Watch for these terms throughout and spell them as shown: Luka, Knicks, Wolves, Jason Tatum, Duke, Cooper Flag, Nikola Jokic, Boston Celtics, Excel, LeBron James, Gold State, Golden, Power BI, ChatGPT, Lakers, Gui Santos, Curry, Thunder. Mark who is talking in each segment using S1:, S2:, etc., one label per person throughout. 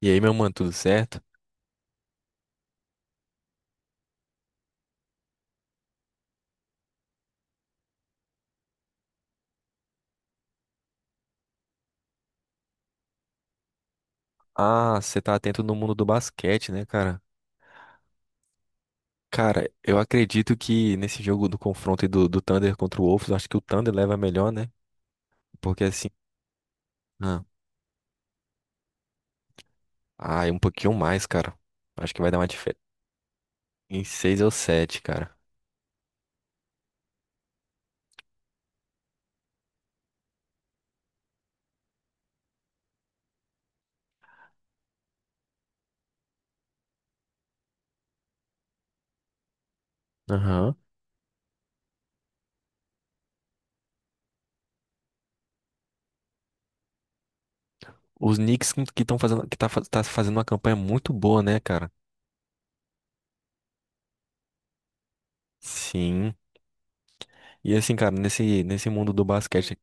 S1: E aí, meu mano, tudo certo? Ah, você tá atento no mundo do basquete, né, cara? Cara, eu acredito que nesse jogo do confronto aí do Thunder contra o Wolves, eu acho que o Thunder leva melhor, né? Porque assim, ah, é um pouquinho mais, cara. Acho que vai dar uma diferença. Em seis ou sete, cara. Aham. Os Knicks que estão fazendo, que tá, tá fazendo uma campanha muito boa, né, cara? Sim. E assim, cara,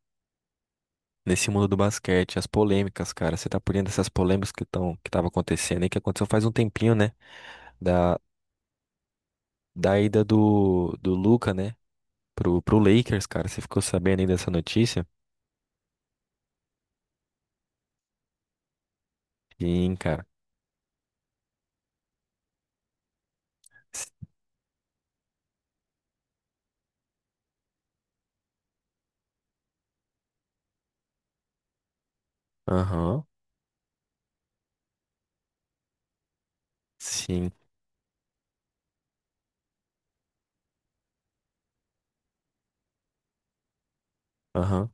S1: nesse mundo do basquete, as polêmicas, cara, você tá por dentro dessas polêmicas que estão, que tava acontecendo aí, que aconteceu faz um tempinho, né? da, da ida do Luka, né, pro Lakers, cara. Você ficou sabendo aí dessa notícia? Sim, cara. S- Aham, sim, aham.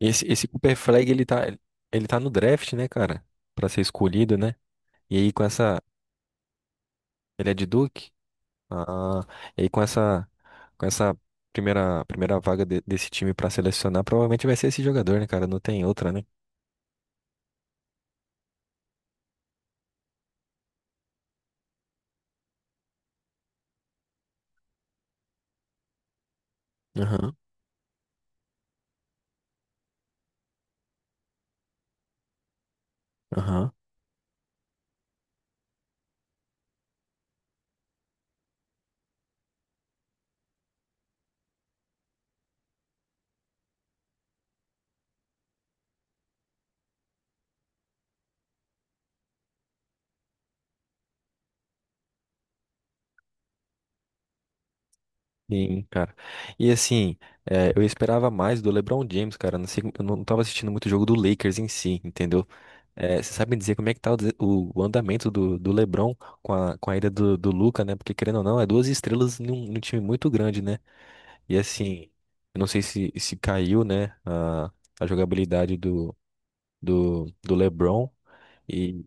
S1: Esse Cooper Flag, ele tá no draft, né, cara? Pra ser escolhido, né? E aí com essa... Ele é de Duke? Ah, e aí com essa... Com essa primeira vaga desse time pra selecionar, provavelmente vai ser esse jogador, né, cara? Não tem outra, né? Aham, aham. Sim, cara. E assim, eu esperava mais do LeBron James, cara. Não sei, eu não tava assistindo muito o jogo do Lakers em si, entendeu? Você sabe me dizer como é que tá o andamento do LeBron com a ida do Luka, né? Porque querendo ou não, é duas estrelas num time muito grande, né? E assim, eu não sei se caiu, né, a jogabilidade do LeBron. E,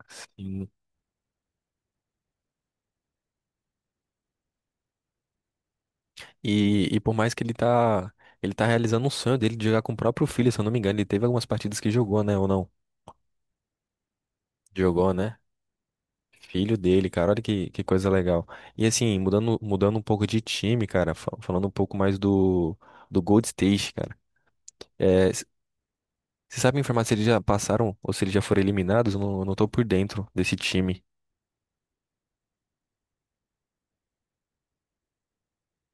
S1: assim, e por mais que ele tá realizando um sonho dele de jogar com o próprio filho, se eu não me engano, ele teve algumas partidas que jogou, né, ou não? Jogou, né? Filho dele, cara, olha que coisa legal. E assim, mudando um pouco de time, cara, falando um pouco mais do Gold State, cara. É, c- Você sabe me informar se eles já passaram ou se eles já foram eliminados? Eu não tô por dentro desse time.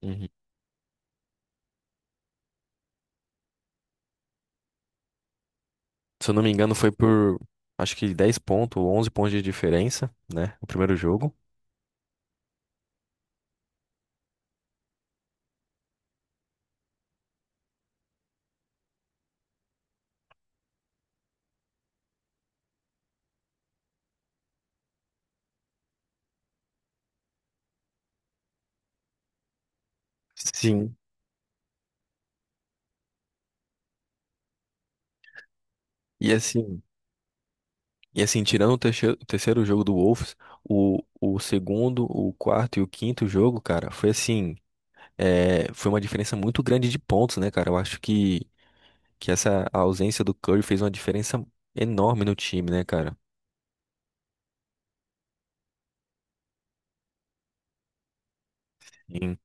S1: Uhum. Se eu não me engano, foi por acho que 10 pontos ou 11 pontos de diferença, né? O primeiro jogo. Sim. E assim, e assim, tirando o terceiro jogo do Wolves, o segundo, o quarto e o quinto jogo, cara, foi assim. É, foi uma diferença muito grande de pontos, né, cara? Eu acho que essa ausência do Curry fez uma diferença enorme no time, né, cara? Sim.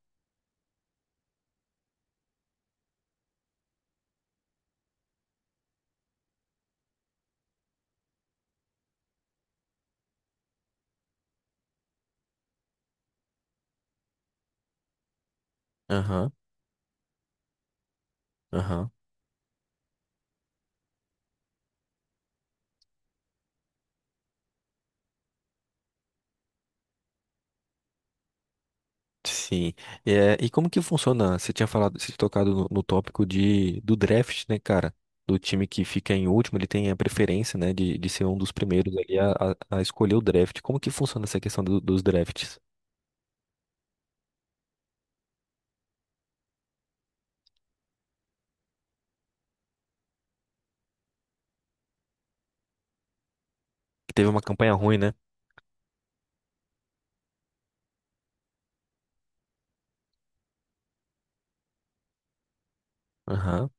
S1: Aham, aham. Sim. É, e como que funciona? Você tinha falado, você tinha tocado no tópico do draft, né, cara? Do time que fica em último, ele tem a preferência, né, de ser um dos primeiros ali a escolher o draft. Como que funciona essa questão dos drafts? Que teve uma campanha ruim, né? Aham,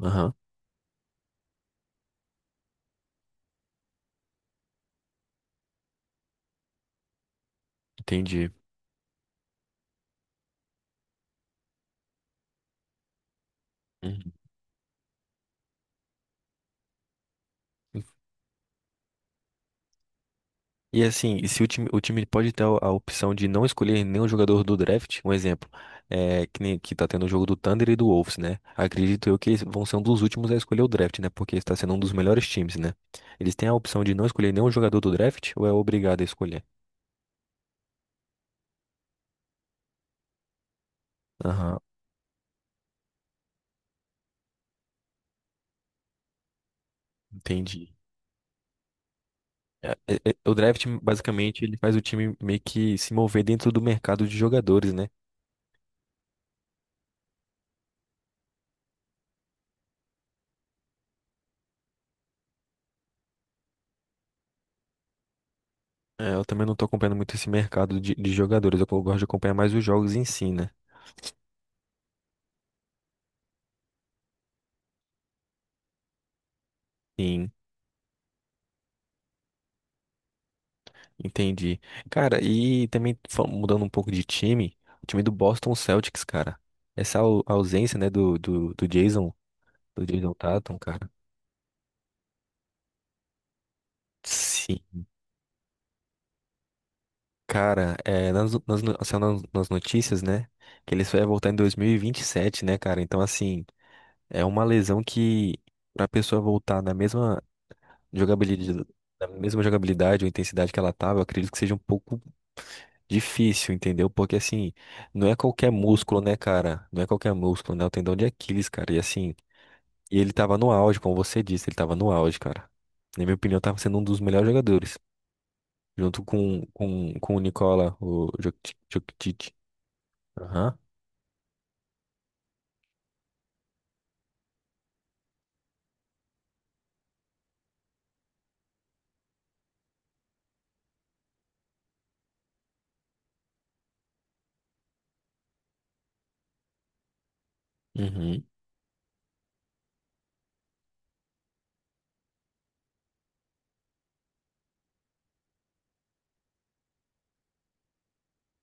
S1: aham, entendi. Uhum. E assim, e se o time, o time pode ter a opção de não escolher nenhum jogador do draft, um exemplo, é, que, nem, que tá tendo o jogo do Thunder e do Wolves, né? Acredito eu que eles vão ser um dos últimos a escolher o draft, né? Porque está sendo um dos melhores times, né? Eles têm a opção de não escolher nenhum jogador do draft ou é obrigado a escolher? Aham, entendi. É, é, é, o draft, basicamente, ele faz o time meio que se mover dentro do mercado de jogadores, né? É, eu também não tô acompanhando muito esse mercado de jogadores, eu gosto de acompanhar mais os jogos em si, né? Sim. Entendi. Cara, e também mudando um pouco de time, o time do Boston Celtics, cara. Essa ausência, né, do Jason Tatum, cara. Sim. Cara, é, nas, nas, no- assim, nas notícias, né, que ele só ia voltar em 2027, né, cara? Então, assim, é uma lesão que pra pessoa voltar Jogabilidade, da mesma jogabilidade ou intensidade que ela tava, eu acredito que seja um pouco difícil, entendeu? Porque assim, não é qualquer músculo, né, cara? Não é qualquer músculo, né? O tendão de Aquiles, cara. E assim, e ele tava no auge, como você disse, ele tava no auge, cara. Na minha opinião, tava sendo um dos melhores jogadores. Junto com o Nicola, o Jokic. Jokic. Aham. Uhum.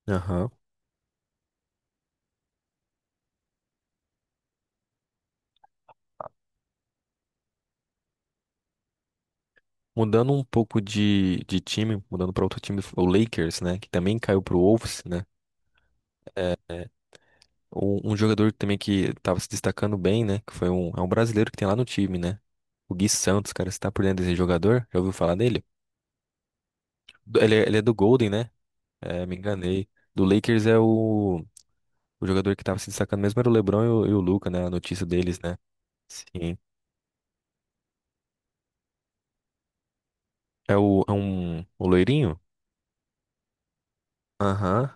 S1: Aham. Mudando um pouco de time, mudando para outro time, o Lakers, né? Que também caiu pro Wolves, né? Um jogador também que tava se destacando bem, né? Que foi é um brasileiro que tem lá no time, né? O Gui Santos, cara, você tá por dentro desse jogador? Já ouviu falar dele? Ele é do Golden, né? É, me enganei. Do Lakers é o jogador que tava se destacando mesmo, era o LeBron e o Luka, né? A notícia deles, né? Sim. O loirinho? Aham.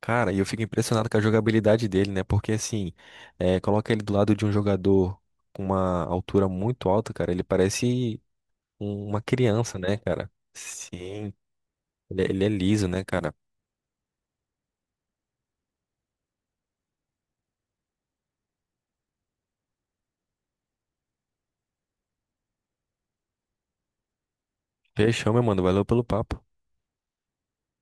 S1: Cara, e eu fico impressionado com a jogabilidade dele, né? Porque assim, é, coloca ele do lado de um jogador com uma altura muito alta, cara. Ele parece, uma criança, né, cara? Sim, ele é liso, né, cara? Fechou, meu mano. Valeu pelo papo.